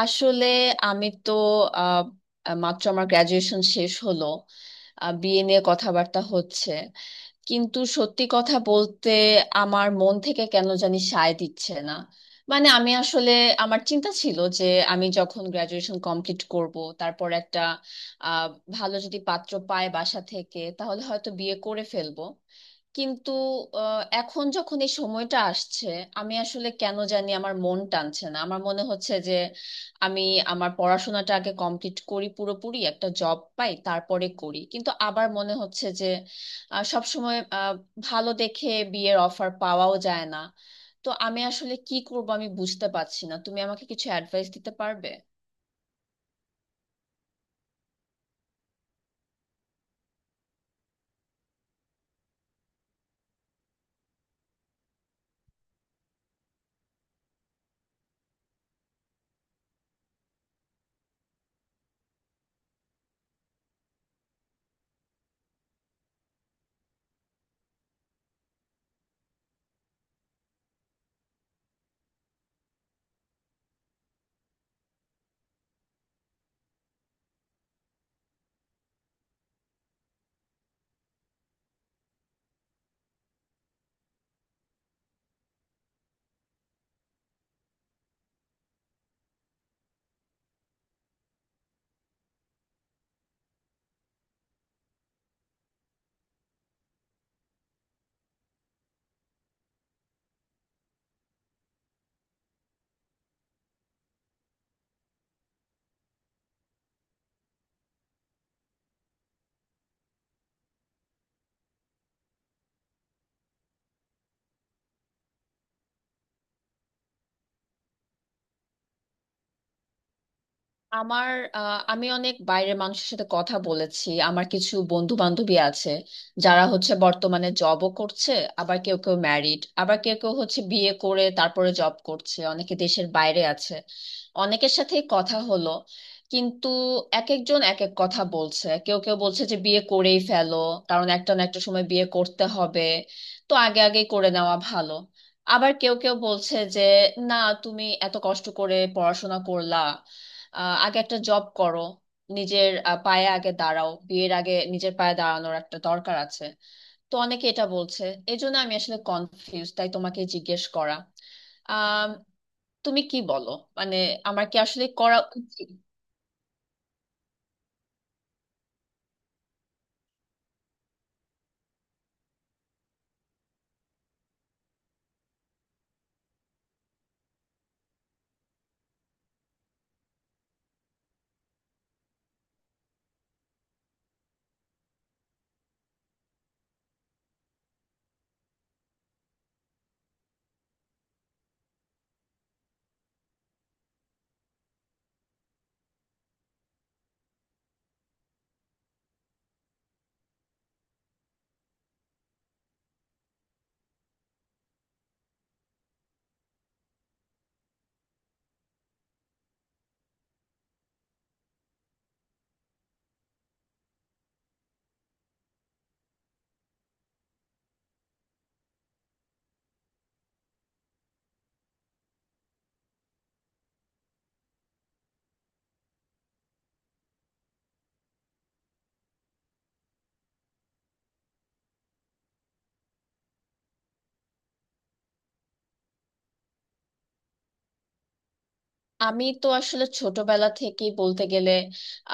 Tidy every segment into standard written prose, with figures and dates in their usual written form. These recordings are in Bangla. আসলে আমি তো আহ, মাত্র আমার গ্রাজুয়েশন শেষ হলো। বিয়ে নিয়ে কথাবার্তা হচ্ছে, কিন্তু সত্যি কথা বলতে আমার মন থেকে কেন জানি সায় দিচ্ছে না। মানে আমি আসলে, আমার চিন্তা ছিল যে আমি যখন গ্রাজুয়েশন কমপ্লিট করব, তারপর একটা আহ, ভালো যদি পাত্র পায় বাসা থেকে, তাহলে হয়তো বিয়ে করে ফেলবো। কিন্তু এখন যখন এই সময়টা আসছে, আমি আসলে কেন জানি আমার মন টানছে না। আমার মনে হচ্ছে যে আমি আমার পড়াশোনাটা আগে কমপ্লিট করি, পুরোপুরি একটা জব পাই, তারপরে করি। কিন্তু আবার মনে হচ্ছে সবসময় ভালো দেখে বিয়ের অফার পাওয়াও যায় না। তো আমি আসলে কি করব আমি বুঝতে পারছি না, তুমি আমাকে কিছু অ্যাডভাইস দিতে পারবে? আমার, আমি অনেক বাইরের মানুষের সাথে কথা বলেছি। আমার কিছু বন্ধু বান্ধবী আছে যারা হচ্ছে বর্তমানে জবও করছে, আবার কেউ কেউ ম্যারিড, আবার কেউ কেউ হচ্ছে বিয়ে করে তারপরে জব করছে, অনেকে দেশের বাইরে আছে। অনেকের সাথেই কথা হলো, কিন্তু এক একজন এক এক কথা বলছে। কেউ কেউ বলছে যে বিয়ে করেই ফেলো, কারণ একটা না একটা সময় বিয়ে করতে হবে, তো আগে আগে করে নেওয়া ভালো। আবার কেউ কেউ বলছে যে না, তুমি এত কষ্ট করে পড়াশোনা করলা, আগে একটা জব করো, নিজের পায়ে আগে দাঁড়াও, বিয়ের আগে নিজের পায়ে দাঁড়ানোর একটা দরকার আছে। তো অনেকে এটা বলছে। এই জন্য আমি আসলে কনফিউজ, তাই তোমাকে জিজ্ঞেস করা। আহ তুমি কি বলো? মানে আমার কি আসলে করা উচিত? আমি তো আসলে ছোটবেলা থেকেই বলতে গেলে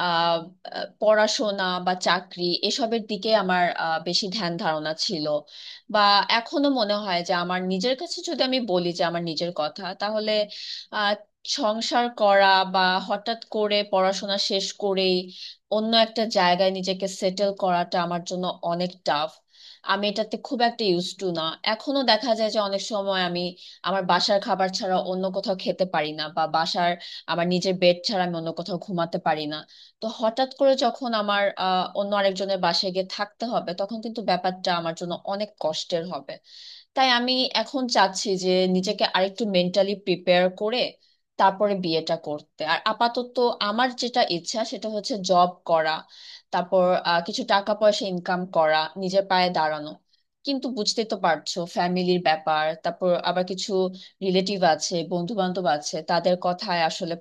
আহ আহ, পড়াশোনা বা চাকরি এসবের দিকে আমার বেশি ধ্যান ধারণা ছিল। বা এখনো মনে হয় যে আমার নিজের কাছে যদি আমি বলি যে আমার নিজের কথা, তাহলে আহ, সংসার করা বা হঠাৎ করে পড়াশোনা শেষ করেই অন্য একটা জায়গায় নিজেকে সেটেল করাটা আমার জন্য অনেক টাফ। আমি এটাতে খুব একটা ইউজ টু না। এখনো দেখা যায় যে অনেক সময় আমি আমার বাসার খাবার ছাড়া অন্য কোথাও খেতে পারি না, বা বাসার আমার নিজের বেড ছাড়া আমি অন্য কোথাও ঘুমাতে পারি না। তো হঠাৎ করে যখন আমার অন্য আরেকজনের বাসায় গিয়ে থাকতে হবে, তখন কিন্তু ব্যাপারটা আমার জন্য অনেক কষ্টের হবে। তাই আমি এখন চাচ্ছি যে নিজেকে আরেকটু মেন্টালি প্রিপেয়ার করে তারপরে বিয়েটা করতে। আর আপাতত আমার যেটা ইচ্ছা সেটা হচ্ছে জব করা, তারপর কিছু টাকা পয়সা ইনকাম করা, নিজের পায়ে দাঁড়ানো। কিন্তু বুঝতে তো পারছো ফ্যামিলির ব্যাপার, তারপর আবার কিছু রিলেটিভ আছে, বন্ধু বান্ধব আছে, তাদের কথায় আসলে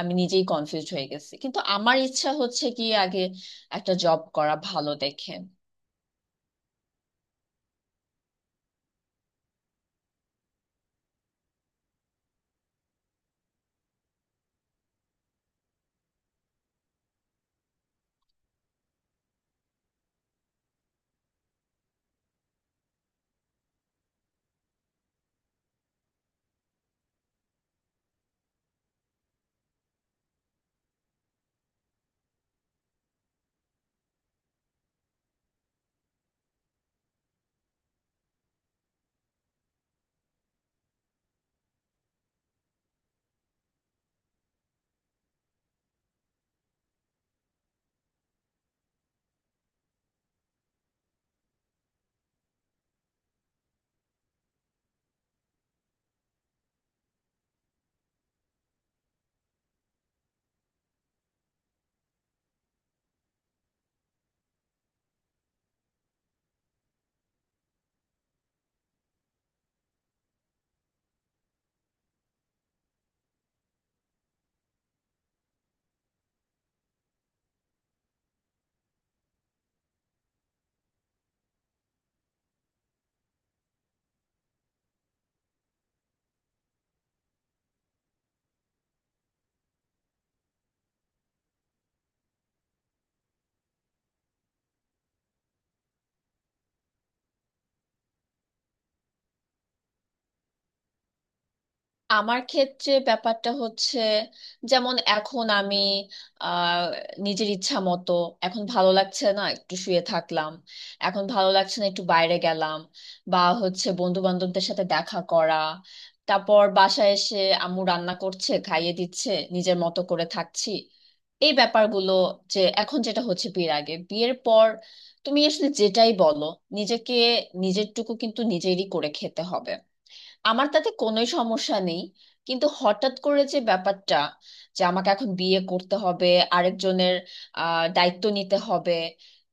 আমি নিজেই কনফিউজ হয়ে গেছি। কিন্তু আমার ইচ্ছা হচ্ছে কি আগে একটা জব করা ভালো দেখে। আমার ক্ষেত্রে ব্যাপারটা হচ্ছে, যেমন এখন আমি আহ নিজের ইচ্ছা মতো, এখন ভালো লাগছে না একটু শুয়ে থাকলাম, এখন ভালো লাগছে না একটু বাইরে গেলাম, বা হচ্ছে বন্ধু বান্ধবদের সাথে দেখা করা, তারপর বাসায় এসে আম্মু রান্না করছে খাইয়ে দিচ্ছে, নিজের মতো করে থাকছি। এই ব্যাপারগুলো, যে এখন যেটা হচ্ছে বিয়ের আগে, বিয়ের পর তুমি আসলে যেটাই বলো, নিজেকে নিজের টুকু কিন্তু নিজেরই করে খেতে হবে। আমার তাতে কোনোই সমস্যা নেই। কিন্তু হঠাৎ করে যে ব্যাপারটা, যে আমাকে এখন বিয়ে করতে হবে, আরেকজনের দায়িত্ব নিতে হবে,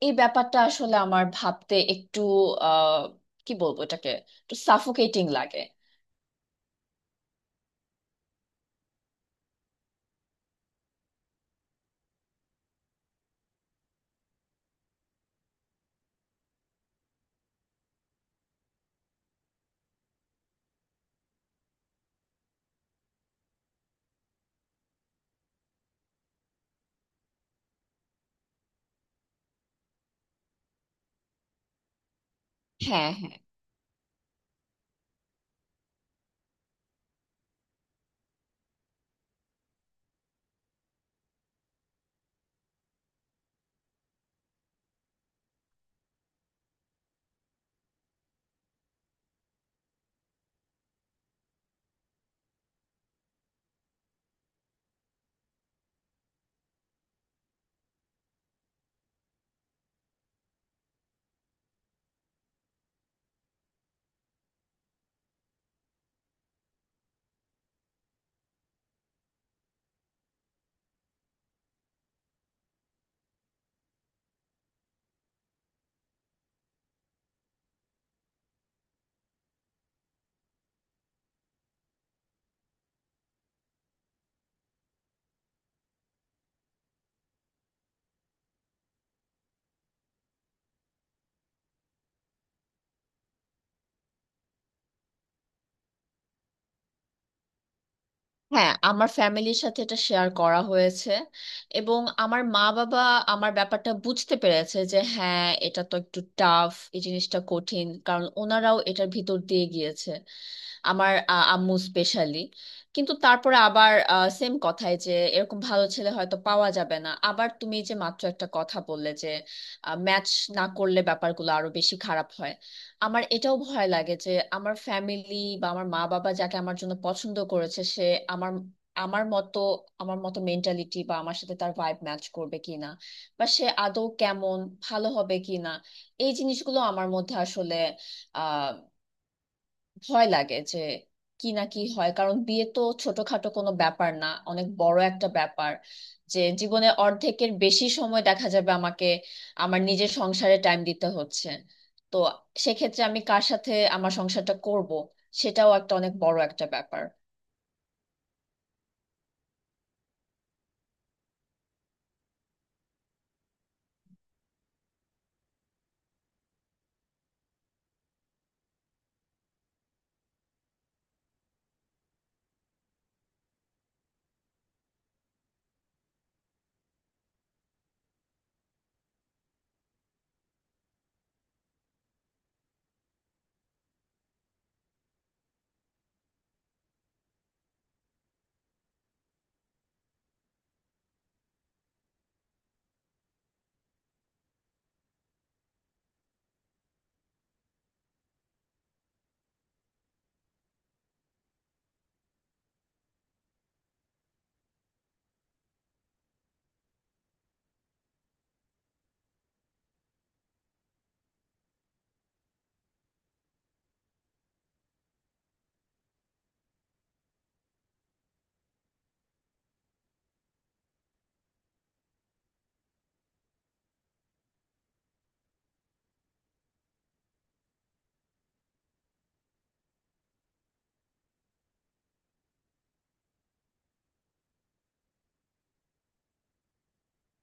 এই ব্যাপারটা আসলে আমার ভাবতে একটু আহ কি বলবো এটাকে, একটু সাফোকেটিং লাগে। হ্যাঁ, হ্যাঁ, হ্যাঁ, আমার ফ্যামিলির সাথে এটা শেয়ার করা হয়েছে। এবং আমার মা বাবা আমার ব্যাপারটা বুঝতে পেরেছে যে হ্যাঁ এটা তো একটু টাফ, এই জিনিসটা কঠিন, কারণ ওনারাও এটার ভিতর দিয়ে গিয়েছে। আমার আম্মু স্পেশালি। কিন্তু তারপরে আবার সেম কথাই যে এরকম ভালো ছেলে হয়তো পাওয়া যাবে না। আবার তুমি যে মাত্র একটা কথা বললে যে ম্যাচ না করলে ব্যাপারগুলো আরো বেশি খারাপ হয়, আমার এটাও ভয় লাগে যে আমার ফ্যামিলি বা আমার মা বাবা যাকে আমার জন্য পছন্দ করেছে, সে আমার আমার মতো আমার মতো মেন্টালিটি বা আমার সাথে তার ভাইব ম্যাচ করবে কিনা, বা সে আদৌ কেমন, ভালো হবে কিনা। এই জিনিসগুলো আমার মধ্যে আসলে ভয় লাগে, যে কি না কি হয়। কারণ বিয়ে তো ছোটখাটো কোনো ব্যাপার না, অনেক বড় একটা ব্যাপার। যে জীবনে অর্ধেকের বেশি সময় দেখা যাবে আমাকে আমার নিজের সংসারে টাইম দিতে হচ্ছে, তো সেক্ষেত্রে আমি কার সাথে আমার সংসারটা করব সেটাও একটা অনেক বড় একটা ব্যাপার।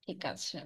ঠিক আছে।